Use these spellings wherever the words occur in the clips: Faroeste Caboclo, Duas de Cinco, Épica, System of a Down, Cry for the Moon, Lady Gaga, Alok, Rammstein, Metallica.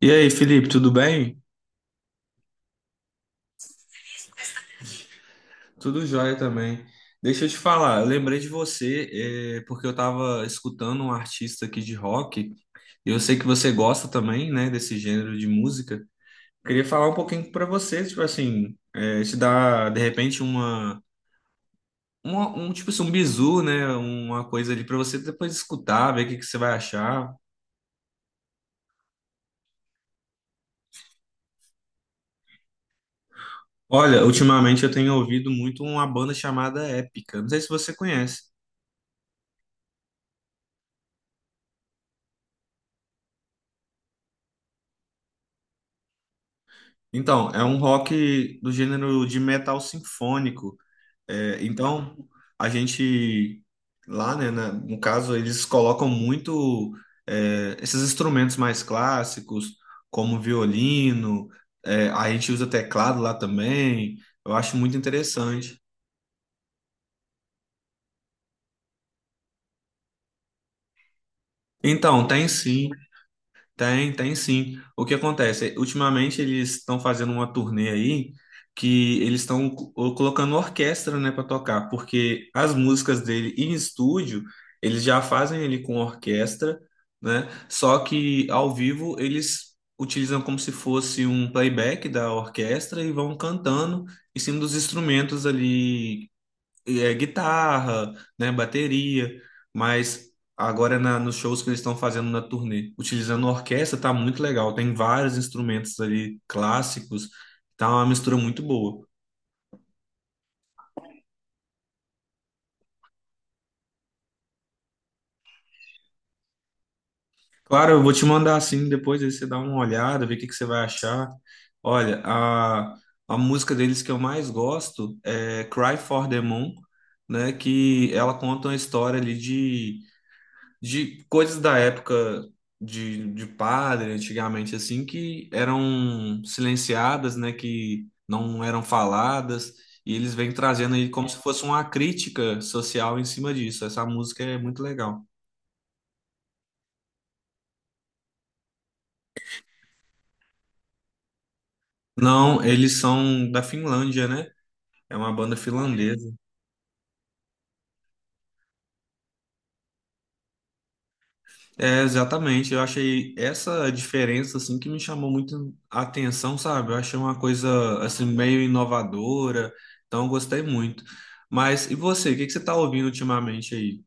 E aí, Felipe, tudo bem? Tudo jóia também. Deixa eu te falar, eu lembrei de você, porque eu estava escutando um artista aqui de rock, e eu sei que você gosta também, né, desse gênero de música. Queria falar um pouquinho para você, tipo assim, te dar, de repente, tipo assim, um bizu, né, uma coisa ali para você depois escutar, ver o que que você vai achar. Olha, ultimamente eu tenho ouvido muito uma banda chamada Épica, não sei se você conhece. Então, é um rock do gênero de metal sinfônico. Então, a gente lá, né, no caso, eles colocam muito esses instrumentos mais clássicos, como violino, a gente usa teclado lá também. Eu acho muito interessante. Então, tem sim. Tem sim. O que acontece? Ultimamente eles estão fazendo uma turnê aí que eles estão colocando orquestra, né, para tocar, porque as músicas dele em estúdio eles já fazem ele com orquestra, né? Só que ao vivo eles utilizam como se fosse um playback da orquestra e vão cantando em cima dos instrumentos ali e é guitarra, né, bateria, mas agora nos shows que eles estão fazendo na turnê, utilizando orquestra, tá muito legal. Tem vários instrumentos ali clássicos, tá uma mistura muito boa. Claro, eu vou te mandar assim depois, aí você dá uma olhada, ver o que que você vai achar. Olha, a música deles que eu mais gosto é Cry for the Moon, né, que ela conta uma história ali de coisas da época de padre, antigamente, assim, que eram silenciadas, né, que não eram faladas, e eles vêm trazendo aí como se fosse uma crítica social em cima disso. Essa música é muito legal. Não, eles são da Finlândia, né? É uma banda finlandesa. É, exatamente. Eu achei essa diferença assim que me chamou muito a atenção, sabe? Eu achei uma coisa assim meio inovadora, então eu gostei muito. Mas e você, o que que você está ouvindo ultimamente aí?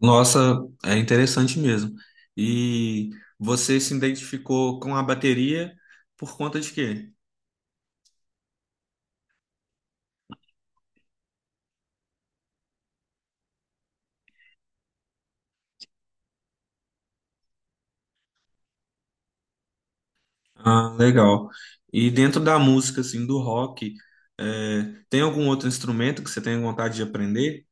Nossa, é interessante mesmo. E você se identificou com a bateria por conta de quê? Ah, legal. E dentro da música assim do rock, é, tem algum outro instrumento que você tem vontade de aprender?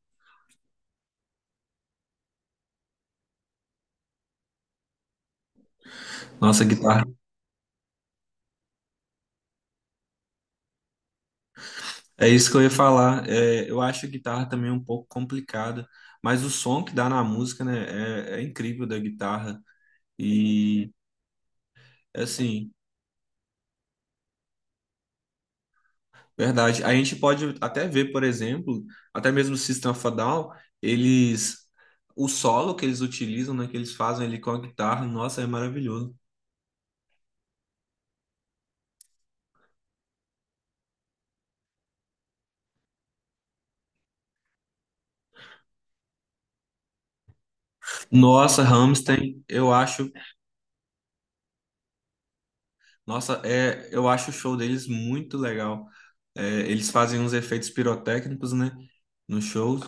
Nossa, guitarra. É isso que eu ia falar. É, eu acho a guitarra também um pouco complicada, mas o som que dá na música, né, é incrível da guitarra. E, assim, verdade. A gente pode até ver, por exemplo, até mesmo o System of a Down, eles. O solo que eles utilizam, né, que eles fazem ali com a guitarra, nossa, é maravilhoso. Nossa, Rammstein, eu acho, nossa, eu acho o show deles muito legal. É, eles fazem uns efeitos pirotécnicos, né, nos shows.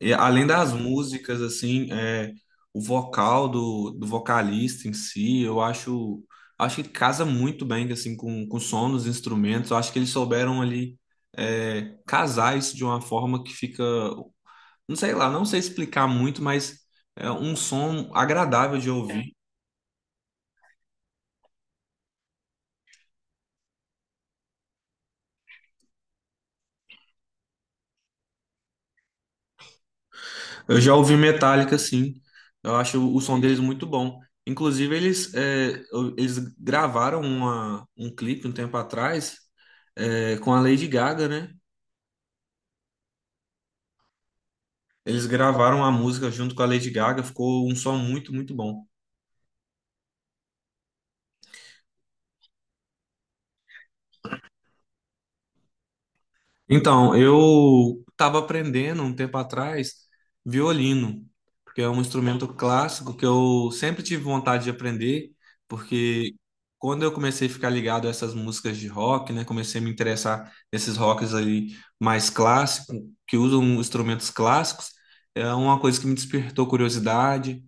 E além das músicas, assim, o vocal do vocalista em si, eu acho, que casa muito bem, assim, com o som dos instrumentos. Eu acho que eles souberam ali, casar isso de uma forma que fica, não sei lá, não sei explicar muito, mas é um som agradável de ouvir. Eu já ouvi Metallica, sim. Eu acho o som deles muito bom. Inclusive, eles gravaram um clipe um tempo atrás, com a Lady Gaga, né? Eles gravaram a música junto com a Lady Gaga, ficou um som muito, muito bom. Então, eu estava aprendendo um tempo atrás violino, porque é um instrumento clássico que eu sempre tive vontade de aprender, porque quando eu comecei a ficar ligado a essas músicas de rock, né, comecei a me interessar nesses rocks ali mais clássicos, que usam instrumentos clássicos, é uma coisa que me despertou curiosidade.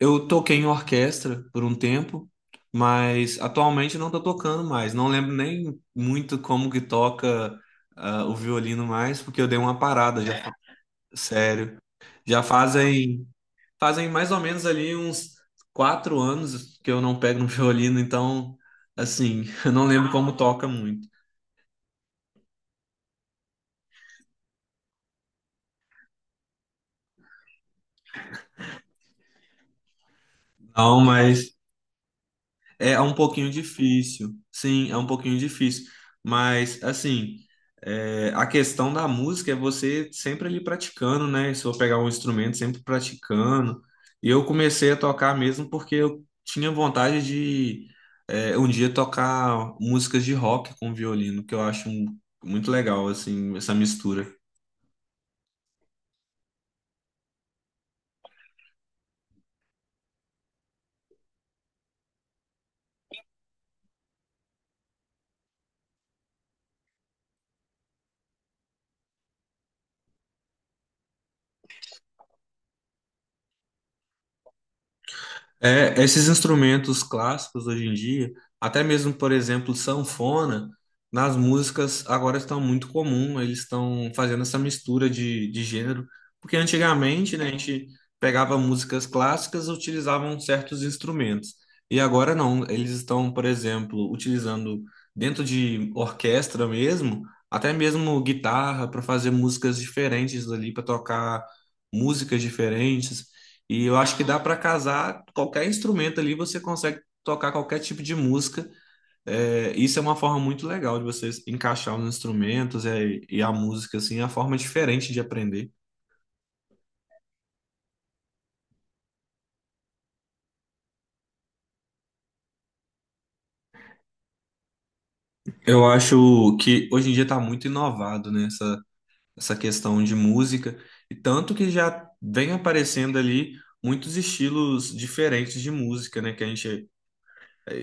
Eu toquei em orquestra por um tempo, mas atualmente não tô tocando mais. Não lembro nem muito como que toca o violino mais, porque eu dei uma parada já, sério. Já fazem mais ou menos ali uns 4 anos que eu não pego no violino, então assim, eu não lembro como toca muito. Não, mas é um pouquinho difícil, sim, é um pouquinho difícil, mas assim, a questão da música é você sempre ali praticando, né? Se eu pegar um instrumento, sempre praticando. E eu comecei a tocar mesmo porque eu tinha vontade de um dia tocar músicas de rock com violino, que eu acho muito legal, assim, essa mistura. É, esses instrumentos clássicos hoje em dia, até mesmo, por exemplo, sanfona, nas músicas agora estão muito comum, eles estão fazendo essa mistura de gênero, porque antigamente, né, a gente pegava músicas clássicas e utilizavam certos instrumentos, e agora não, eles estão, por exemplo, utilizando dentro de orquestra mesmo, até mesmo guitarra para fazer músicas diferentes ali, para tocar músicas diferentes, e eu acho que dá para casar qualquer instrumento ali, você consegue tocar qualquer tipo de música. É, isso é uma forma muito legal de você encaixar os instrumentos e a música, assim, é a forma diferente de aprender. Eu acho que hoje em dia está muito inovado, né, essa questão de música, e tanto que já vem aparecendo ali muitos estilos diferentes de música, né, que a gente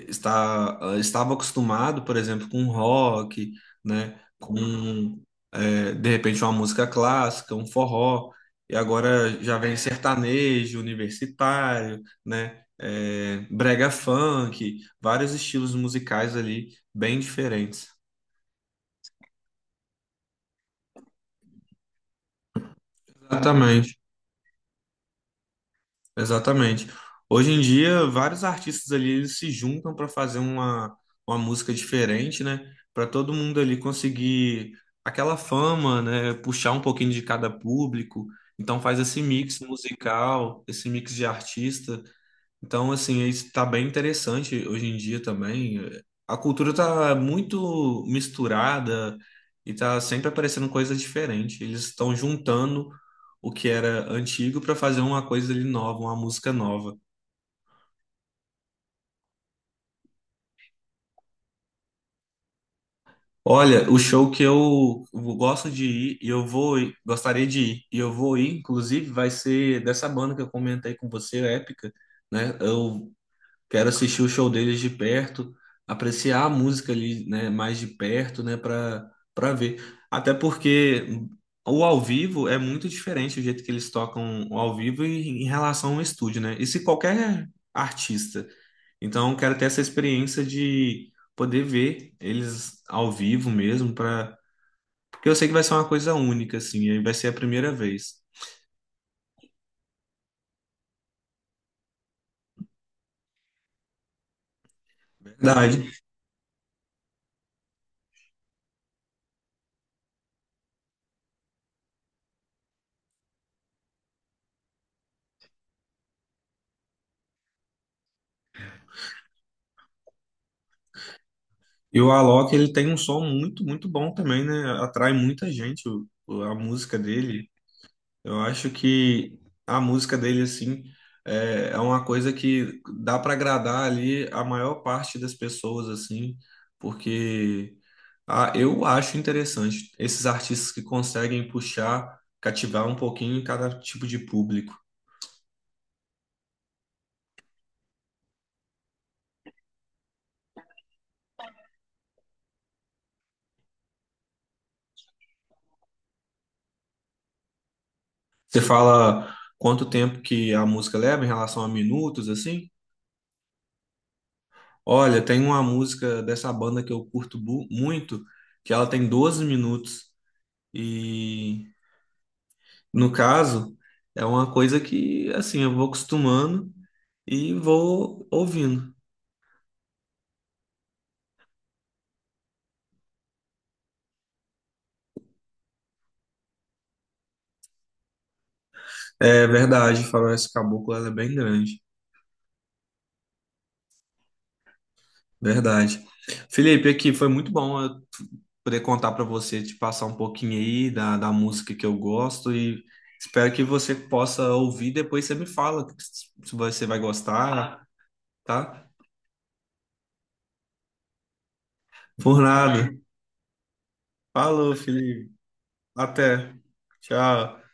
estava acostumado, por exemplo, com rock, né? De repente, uma música clássica, um forró, e agora já vem sertanejo, universitário, né? Brega funk, vários estilos musicais ali bem diferentes. Exatamente. Exatamente. Hoje em dia, vários artistas ali eles se juntam para fazer uma música diferente, né? Para todo mundo ali conseguir aquela fama, né? Puxar um pouquinho de cada público. Então faz esse mix musical, esse mix de artista. Então, assim, isso tá bem interessante hoje em dia também. A cultura tá muito misturada e tá sempre aparecendo coisas diferentes. Eles estão juntando o que era antigo para fazer uma coisa ali nova, uma música nova. Olha, o show que eu gosto de ir e eu vou ir, gostaria de ir e eu vou ir, inclusive, vai ser dessa banda que eu comentei com você, Épica, né? Eu quero assistir o show deles de perto, apreciar a música ali, né, mais de perto, né, para ver. Até porque o ao vivo é muito diferente o jeito que eles tocam o ao vivo em relação ao estúdio, né? E se qualquer artista. Então, quero ter essa experiência de poder ver eles ao vivo mesmo para porque eu sei que vai ser uma coisa única assim, e vai ser a primeira vez. Verdade. E o Alok, ele tem um som muito, muito bom também, né? Atrai muita gente a música dele. Eu acho que a música dele, assim, é uma coisa que dá para agradar ali a maior parte das pessoas, assim, porque eu acho interessante esses artistas que conseguem puxar, cativar um pouquinho em cada tipo de público. Você fala quanto tempo que a música leva em relação a minutos, assim? Olha, tem uma música dessa banda que eu curto muito, que ela tem 12 minutos. E, no caso, é uma coisa que, assim, eu vou acostumando e vou ouvindo. É verdade, Faroeste Caboclo, ela é bem grande. Verdade. Felipe, aqui foi muito bom eu poder contar para você, te passar um pouquinho aí da música que eu gosto e espero que você possa ouvir. Depois você me fala se você vai gostar, tá? Por nada. Falou, Felipe. Até. Tchau.